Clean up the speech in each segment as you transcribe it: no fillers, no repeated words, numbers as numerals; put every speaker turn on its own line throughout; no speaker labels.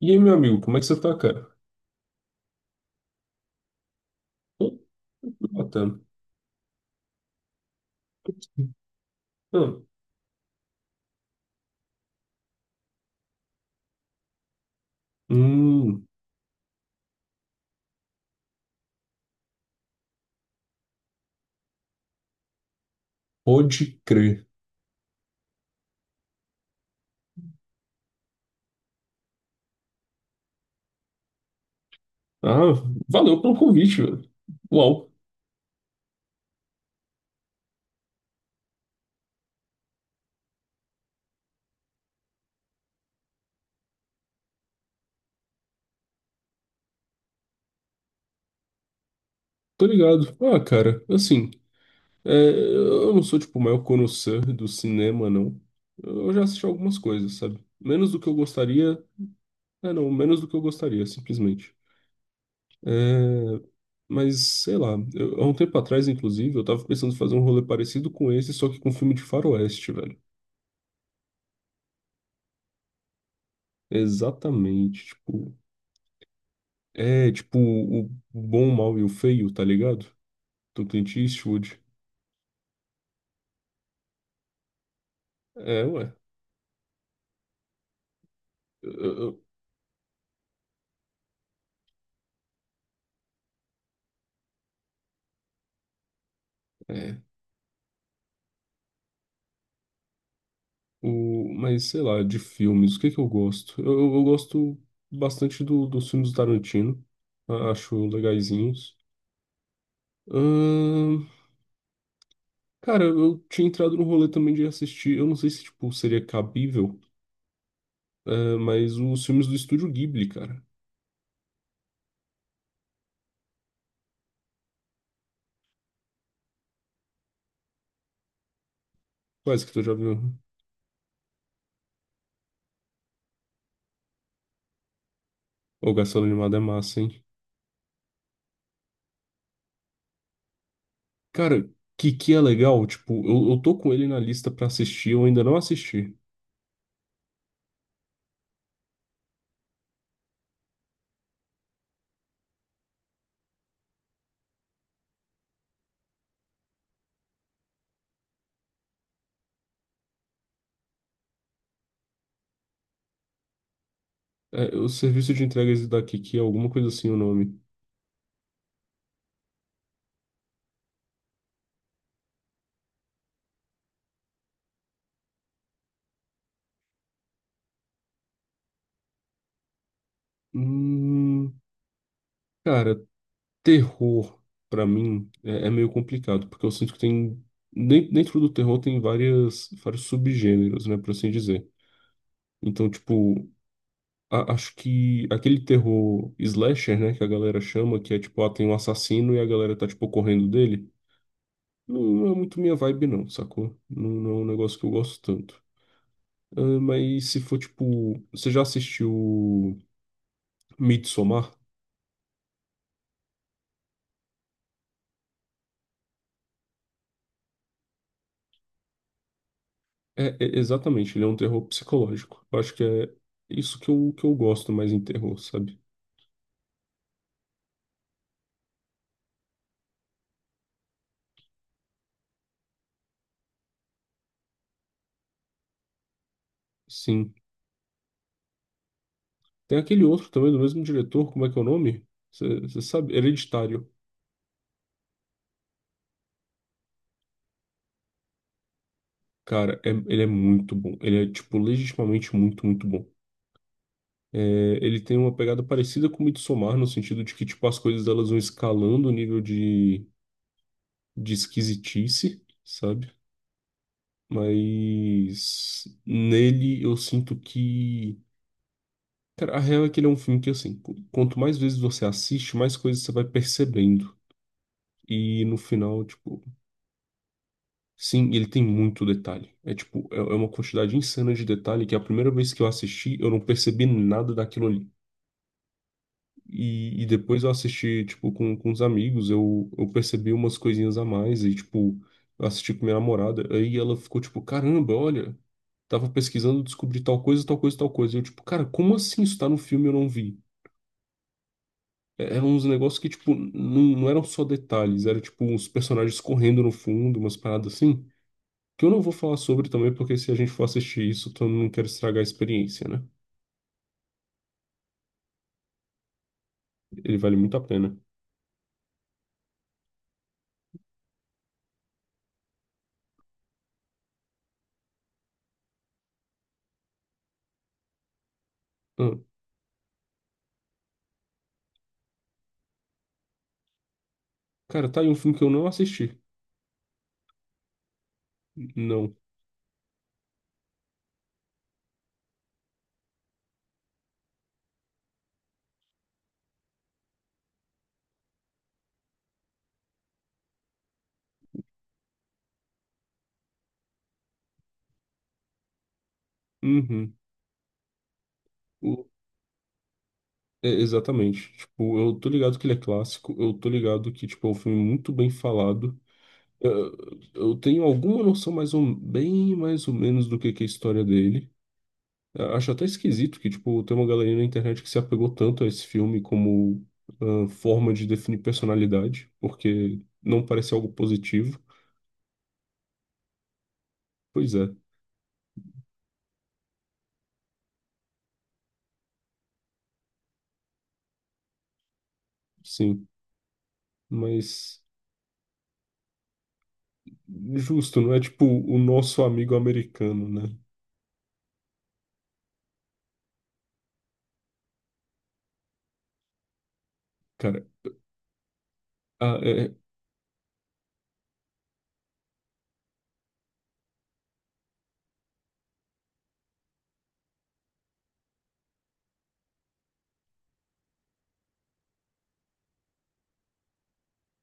E aí, meu amigo, como é que você tá, cara? Tô Bacana. Ah, hum, pode crer. Ah, valeu pelo convite, velho. Uau, tô ligado. Ah, cara, assim, é, eu não sou, tipo, o maior connoisseur do cinema, não. Eu já assisti algumas coisas, sabe? Menos do que eu gostaria. É, não, menos do que eu gostaria, simplesmente. É, mas, sei lá, há um tempo atrás, inclusive, eu tava pensando em fazer um rolê parecido com esse, só que com um filme de faroeste, velho. Exatamente, tipo, é tipo o bom, o mau e o feio, tá ligado? Do Clint Eastwood. É, ué. Eu- eu- É. O, mas sei lá, de filmes, o que que eu gosto? Eu gosto bastante dos filmes do Tarantino. Acho legaizinhos. Ahn, Cara, eu tinha entrado no rolê também de assistir. Eu não sei se tipo, seria cabível, é, mas os filmes do Estúdio Ghibli, cara. Quais que tu já viu? O Gasolina Animada é massa, hein? Cara, que é legal, tipo, eu tô com ele na lista pra assistir, eu ainda não assisti. É, o serviço de entregas da Kiki é alguma coisa assim o nome. Hum, cara, terror pra mim é meio complicado, porque eu sinto que tem dentro do terror tem várias vários subgêneros, né, por assim dizer. Então, tipo, acho que aquele terror slasher, né, que a galera chama, que é tipo, ah, tem um assassino e a galera tá tipo correndo dele. Não é muito minha vibe, não, sacou? Não, não é um negócio que eu gosto tanto. Ah, mas se for tipo. Você já assistiu Midsommar? Exatamente, ele é um terror psicológico. Eu acho que é isso que eu gosto mais em terror, sabe? Sim. Tem aquele outro também do mesmo diretor, como é que é o nome? Você sabe? Hereditário. Cara, ele é muito bom. Ele é, tipo, legitimamente muito, muito bom. É, ele tem uma pegada parecida com Midsommar, no sentido de que, tipo, as coisas elas vão escalando o nível de esquisitice, sabe? Mas nele eu sinto que. Cara, a real é que ele é um filme que, assim, quanto mais vezes você assiste, mais coisas você vai percebendo. E no final, tipo, sim, ele tem muito detalhe. É tipo, é uma quantidade insana de detalhe que a primeira vez que eu assisti, eu não percebi nada daquilo ali. E depois eu assisti, tipo, com os amigos, eu percebi umas coisinhas a mais, e, tipo, eu assisti com minha namorada, aí ela ficou, tipo, caramba, olha, tava pesquisando, descobri tal coisa, tal coisa, tal coisa. E eu, tipo, cara, como assim isso tá no filme e eu não vi? Eram uns negócios que, tipo, não eram só detalhes, era, tipo, uns personagens correndo no fundo, umas paradas assim, que eu não vou falar sobre também, porque se a gente for assistir isso, então eu não quero estragar a experiência, né? Ele vale muito a pena. Ah, cara, tá aí um filme que eu não assisti. Não. Uhum. É, exatamente. Tipo, eu tô ligado que ele é clássico, eu tô ligado que, tipo, é um filme muito bem falado. Eu, eu tenho alguma noção mais ou, bem mais ou menos do que é a história dele. Eu acho até esquisito que, tipo, tem uma galerinha na internet que se apegou tanto a esse filme como ah, forma de definir personalidade, porque não parece algo positivo. Pois é, sim. Mas justo, não é tipo o nosso amigo americano, né? Cara, a- é-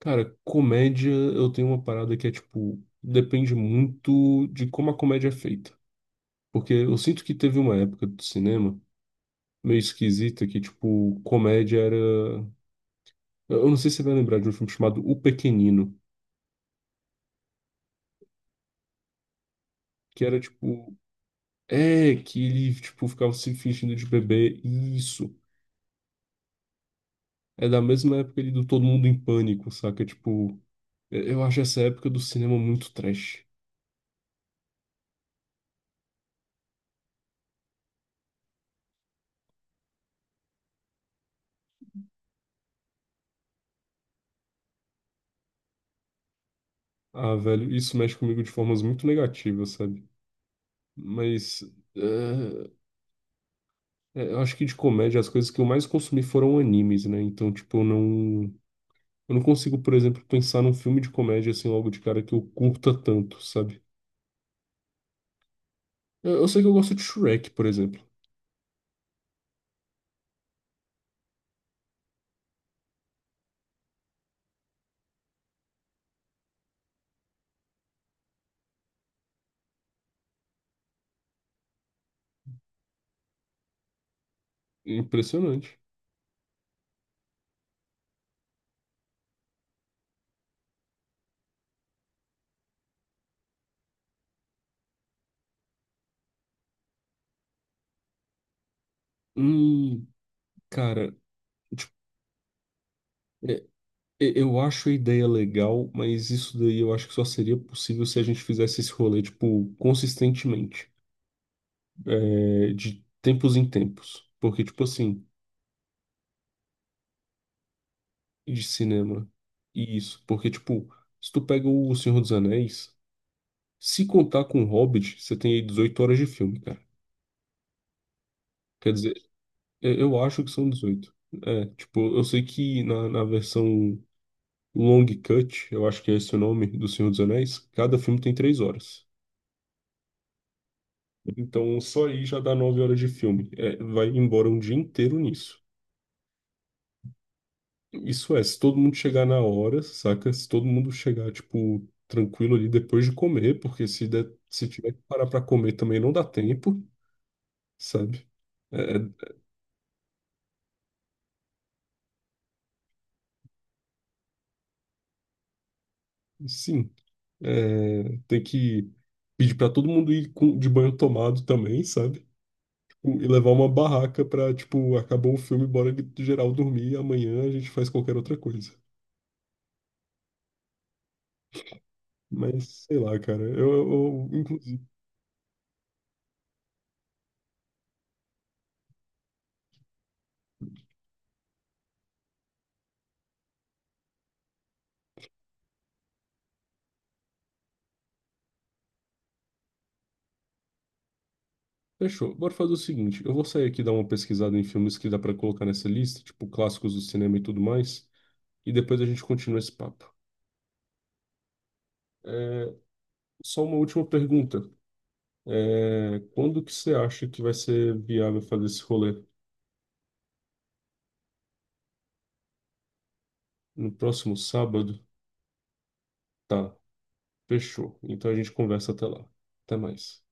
cara, comédia, eu tenho uma parada que é tipo, depende muito de como a comédia é feita. Porque eu sinto que teve uma época do cinema meio esquisita que, tipo, comédia era. Eu não sei se você vai lembrar de um filme chamado O Pequenino, que era tipo. É, que ele, tipo, ficava se fingindo de bebê. Isso. É da mesma época ali do Todo Mundo em Pânico, saca? Tipo, eu acho essa época do cinema muito trash. Ah, velho, isso mexe comigo de formas muito negativas, sabe? Mas eh, é, eu acho que de comédia as coisas que eu mais consumi foram animes, né? Então, tipo, eu não consigo, por exemplo, pensar num filme de comédia assim logo de cara que eu curta tanto, sabe? Eu sei que eu gosto de Shrek, por exemplo. Impressionante. Hum, cara, tipo, é, eu acho a ideia legal, mas isso daí eu acho que só seria possível se a gente fizesse esse rolê, tipo, consistentemente, é, de tempos em tempos. Porque, tipo assim. De cinema. Isso, porque, tipo, se tu pega o Senhor dos Anéis, se contar com o Hobbit, você tem aí 18 horas de filme, cara. Quer dizer, eu acho que são dezoito. É, tipo, eu sei que na versão Long Cut, eu acho que é esse o nome do Senhor dos Anéis, cada filme tem 3 horas. Então, só aí já dá 9 horas de filme. É, vai embora um dia inteiro nisso. Isso é, se todo mundo chegar na hora, saca? Se todo mundo chegar, tipo, tranquilo ali depois de comer, porque se der, se tiver que parar pra comer também não dá tempo, sabe? É, é, sim, tem que pedir pra todo mundo ir de banho tomado também, sabe? E levar uma barraca pra, tipo, acabou o filme, bora geral dormir, amanhã a gente faz qualquer outra coisa. Mas, sei lá, cara, inclusive. Fechou. Bora fazer o seguinte: eu vou sair aqui dar uma pesquisada em filmes que dá pra colocar nessa lista, tipo clássicos do cinema e tudo mais, e depois a gente continua esse papo. É, só uma última pergunta: é, quando que você acha que vai ser viável fazer esse rolê? No próximo sábado? Tá, fechou. Então a gente conversa até lá. Até mais.